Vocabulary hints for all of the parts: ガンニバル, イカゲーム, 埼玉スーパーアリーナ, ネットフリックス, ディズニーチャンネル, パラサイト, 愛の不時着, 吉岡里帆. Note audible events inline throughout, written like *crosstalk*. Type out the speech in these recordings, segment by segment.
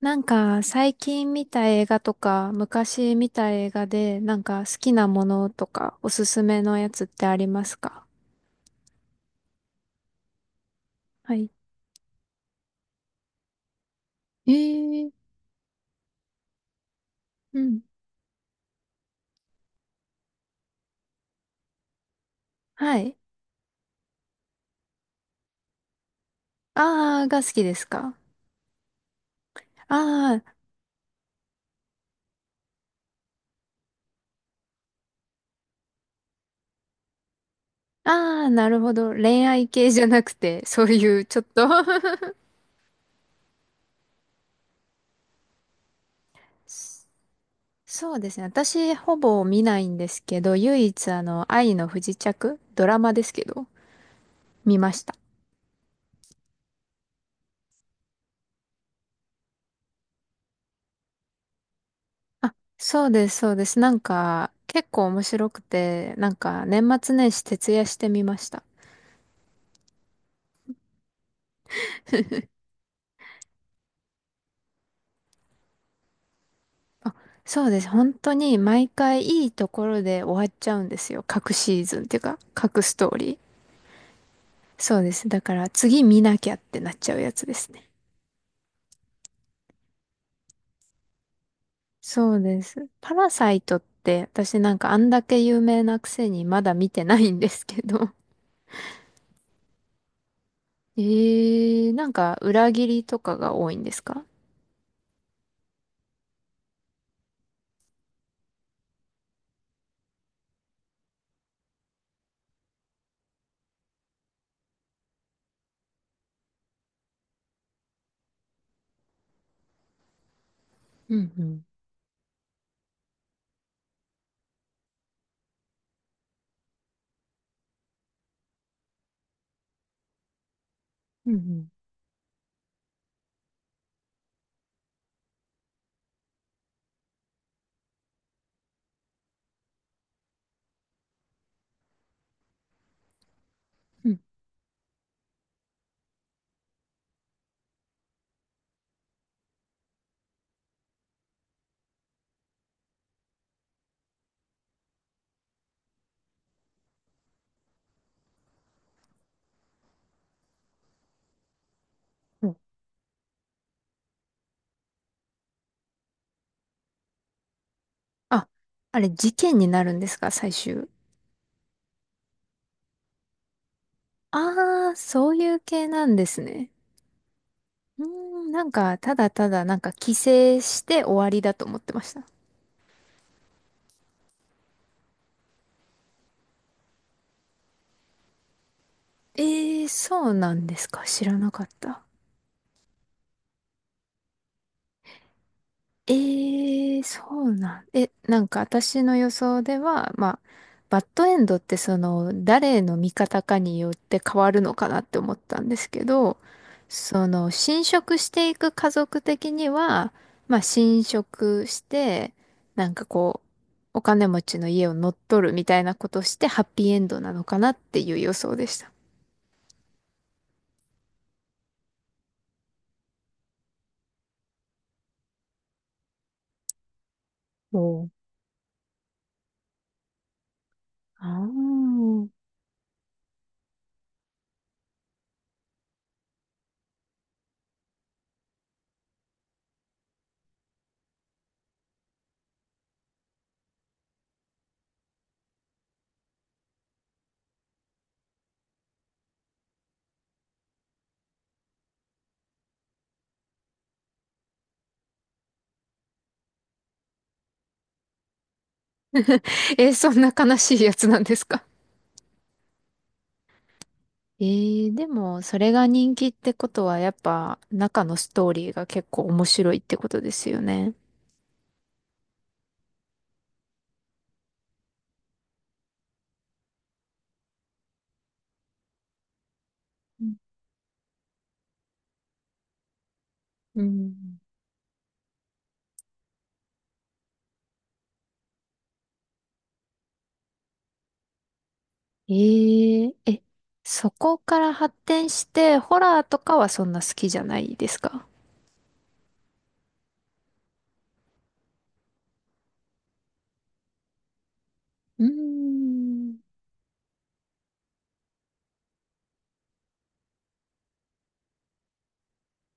なんか最近見た映画とか昔見た映画でなんか好きなものとかおすすめのやつってありますか？はい。えー、うん。はい。あー、が好きですか？あー、あー、なるほど。恋愛系じゃなくて、そういうちょっと *laughs* そうですね。私ほぼ見ないんですけど、唯一あの愛の不時着、ドラマですけど、見ました。あ、そうです、そうです。なんか、結構面白くて、なんか、年末年始徹夜してみました。あ、そうです。本当に、毎回いいところで終わっちゃうんですよ。各シーズンっていうか、各ストーリー。そうです。だから、次見なきゃってなっちゃうやつですね。そうです。パラサイトって、私なんか、あんだけ有名なくせに、まだ見てないんですけど。*laughs* えー、なんか、裏切りとかが多いんですか？うんうん。うんうん。うん。あ、あれ、事件になるんですか、最終。ああ、そういう系なんですね。うーん、なんか、ただただ、なんか、帰省して終わりだと思ってました。ええー、そうなんですか。知らなかった。ええ、そうなん。え、なんか私の予想では、まあ、バッドエンドってその、誰の味方かによって変わるのかなって思ったんですけど、その、侵食していく家族的には、まあ、侵食して、なんかこう、お金持ちの家を乗っ取るみたいなことして、ハッピーエンドなのかなっていう予想でした。えー、そんな悲しいやつなんですか？えー、でも、それが人気ってことは、やっぱ、中のストーリーが結構面白いってことですよね。うん。えー、え、そこから発展して、ホラーとかはそんな好きじゃないですか？うーん。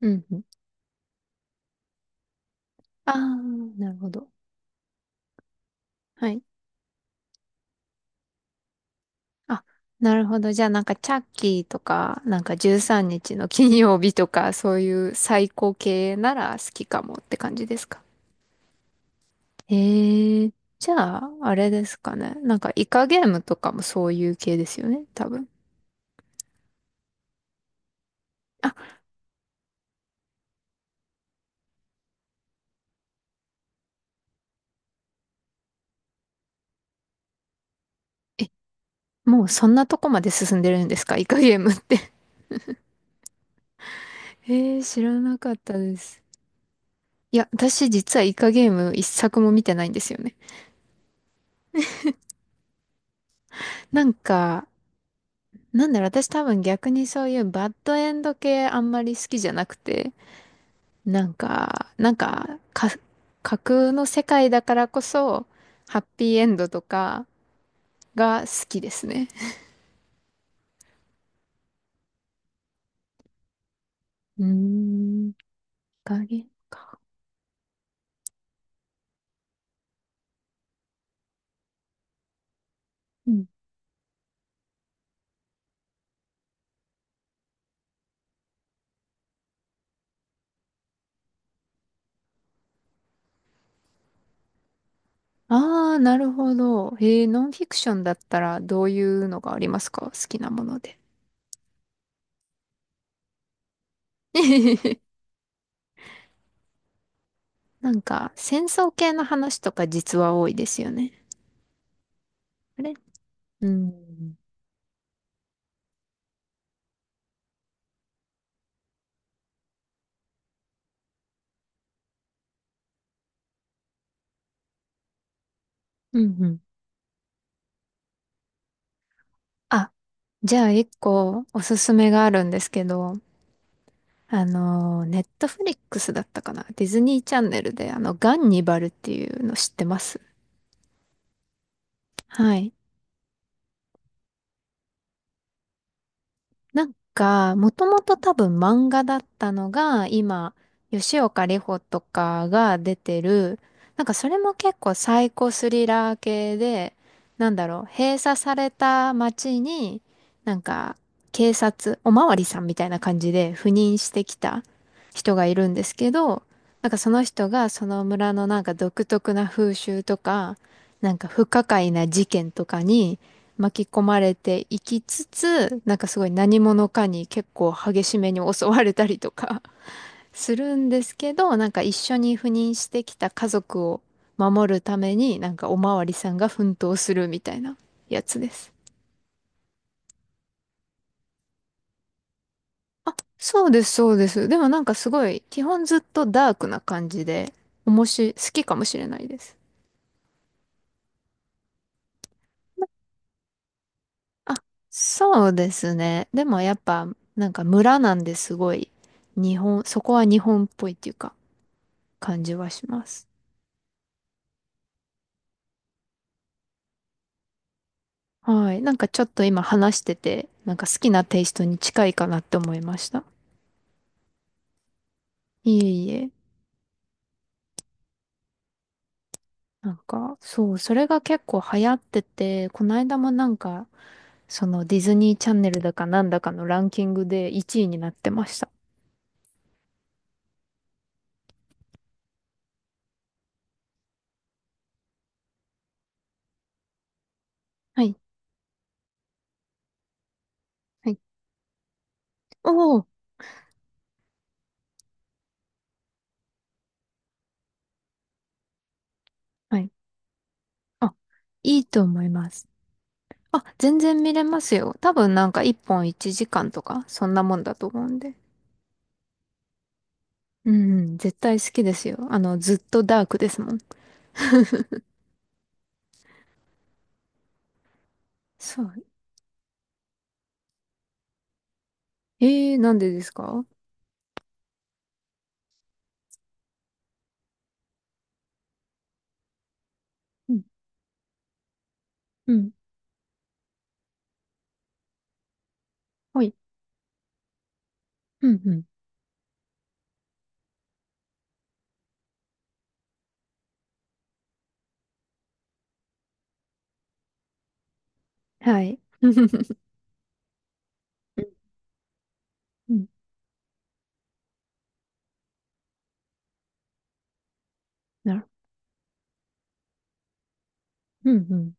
うんうん。ああ、なるほど。はい。あ、なるほど。じゃあなんかチャッキーとか、なんか13日の金曜日とか、そういう最高系なら好きかもって感じですか？ええ。じゃあ、あれですかね。なんか、イカゲームとかもそういう系ですよね、多分。あ、え、もうそんなとこまで進んでるんですか、イカゲームって。*laughs* ええ、知らなかったです。いや、私実はイカゲーム一作も見てないんですよね。なんか、なんだろう、私多分逆にそういうバッドエンド系あんまり好きじゃなくて、なんか、架空の世界だからこそ、ハッピーエンドとかが好きですね。うーん。影か。うん。ああ、なるほど。ノンフィクションだったらどういうのがありますか、好きなもので。*laughs* なんか、戦争系の話とか実は多いですよね。あれ、うん。うんうん。あ、じゃあ一個おすすめがあるんですけど、あの、ネットフリックスだったかなディズニーチャンネルで、あの、ガンニバルっていうの知ってます？はい。なんか、もともと多分漫画だったのが、今、吉岡里帆とかが出てる、なんかそれも結構サイコスリラー系で、なんだろう、閉鎖された街に、なんか、警察、おまわりさんみたいな感じで赴任してきた人がいるんですけど、なんかその人がその村のなんか独特な風習とか、なんか不可解な事件とかに、巻き込まれていきつつ、なんかすごい何者かに結構激しめに襲われたりとか *laughs* するんですけど、なんか一緒に赴任してきた家族を守るために、なんかおまわりさんが奮闘するみたいなやつです。そうです、そうです。でもなんかすごい、基本ずっとダークな感じで、おもし、好きかもしれないです。そうですね。でもやっぱ、なんか村なんですごい、日本、そこは日本っぽいっていうか、感じはします。はい。なんかちょっと今話してて、なんか好きなテイストに近いかなって思いました。いえいえ。なんか、そう、それが結構流行ってて、この間もなんか、そのディズニーチャンネルだかなんだかのランキングで1位になってました。はい。はい。おお。はい。あ、いいと思います。あ、全然見れますよ。多分なんか1本1時間とか、そんなもんだと思うんで。うんうん、絶対好きですよ。あの、ずっとダークですもん。そう。えー、なんでですか？うん。はい。うん、うん。はい。*laughs* うん。うん。なる。うん、うん。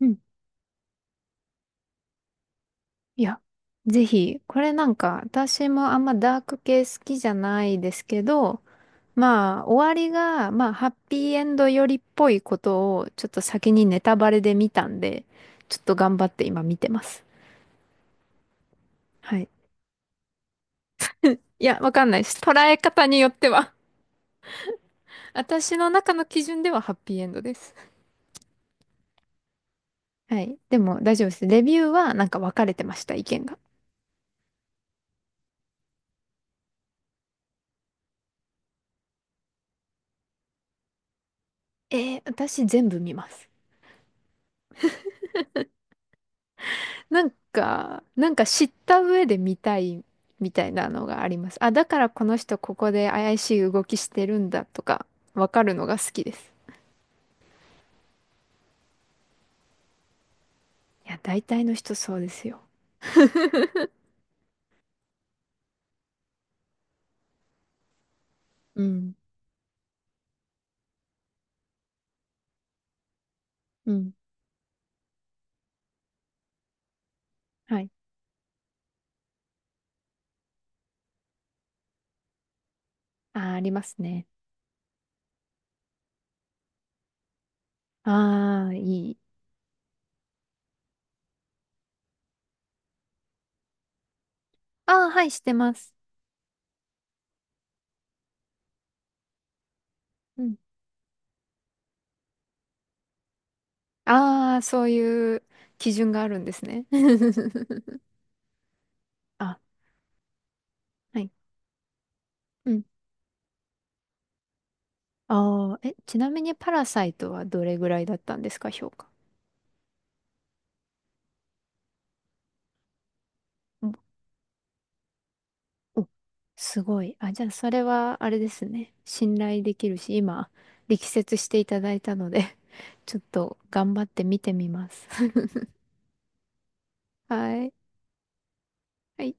うん。いや、ぜひ、これなんか、私もあんまダーク系好きじゃないですけど、まあ、終わりが、まあ、ハッピーエンドよりっぽいことを、ちょっと先にネタバレで見たんで、ちょっと頑張って今見てます。はい。いや、わかんないです。捉え方によっては。私の中の基準ではハッピーエンドです。はい。でも大丈夫です。レビューはなんか分かれてました、意見が。えー、私全部見ます。なんか、知った上で見たいみたいなのがあります。あ、だからこの人ここで怪しい動きしてるんだとか、わかるのが好きです。いや、大体の人そうですよ。*laughs* うん。うん。はい。あー、ありますね。ああ、いい。ああ、はい、してます。うん。ああ、そういう基準があるんですね。*laughs* あ、はい。うん。ああ、え、ちなみにパラサイトはどれぐらいだったんですか、評価。お、すごい。あ、じゃあ、それは、あれですね。信頼できるし、今、力説していただいたので *laughs* ちょっと頑張って見てみます。*laughs* はい。はい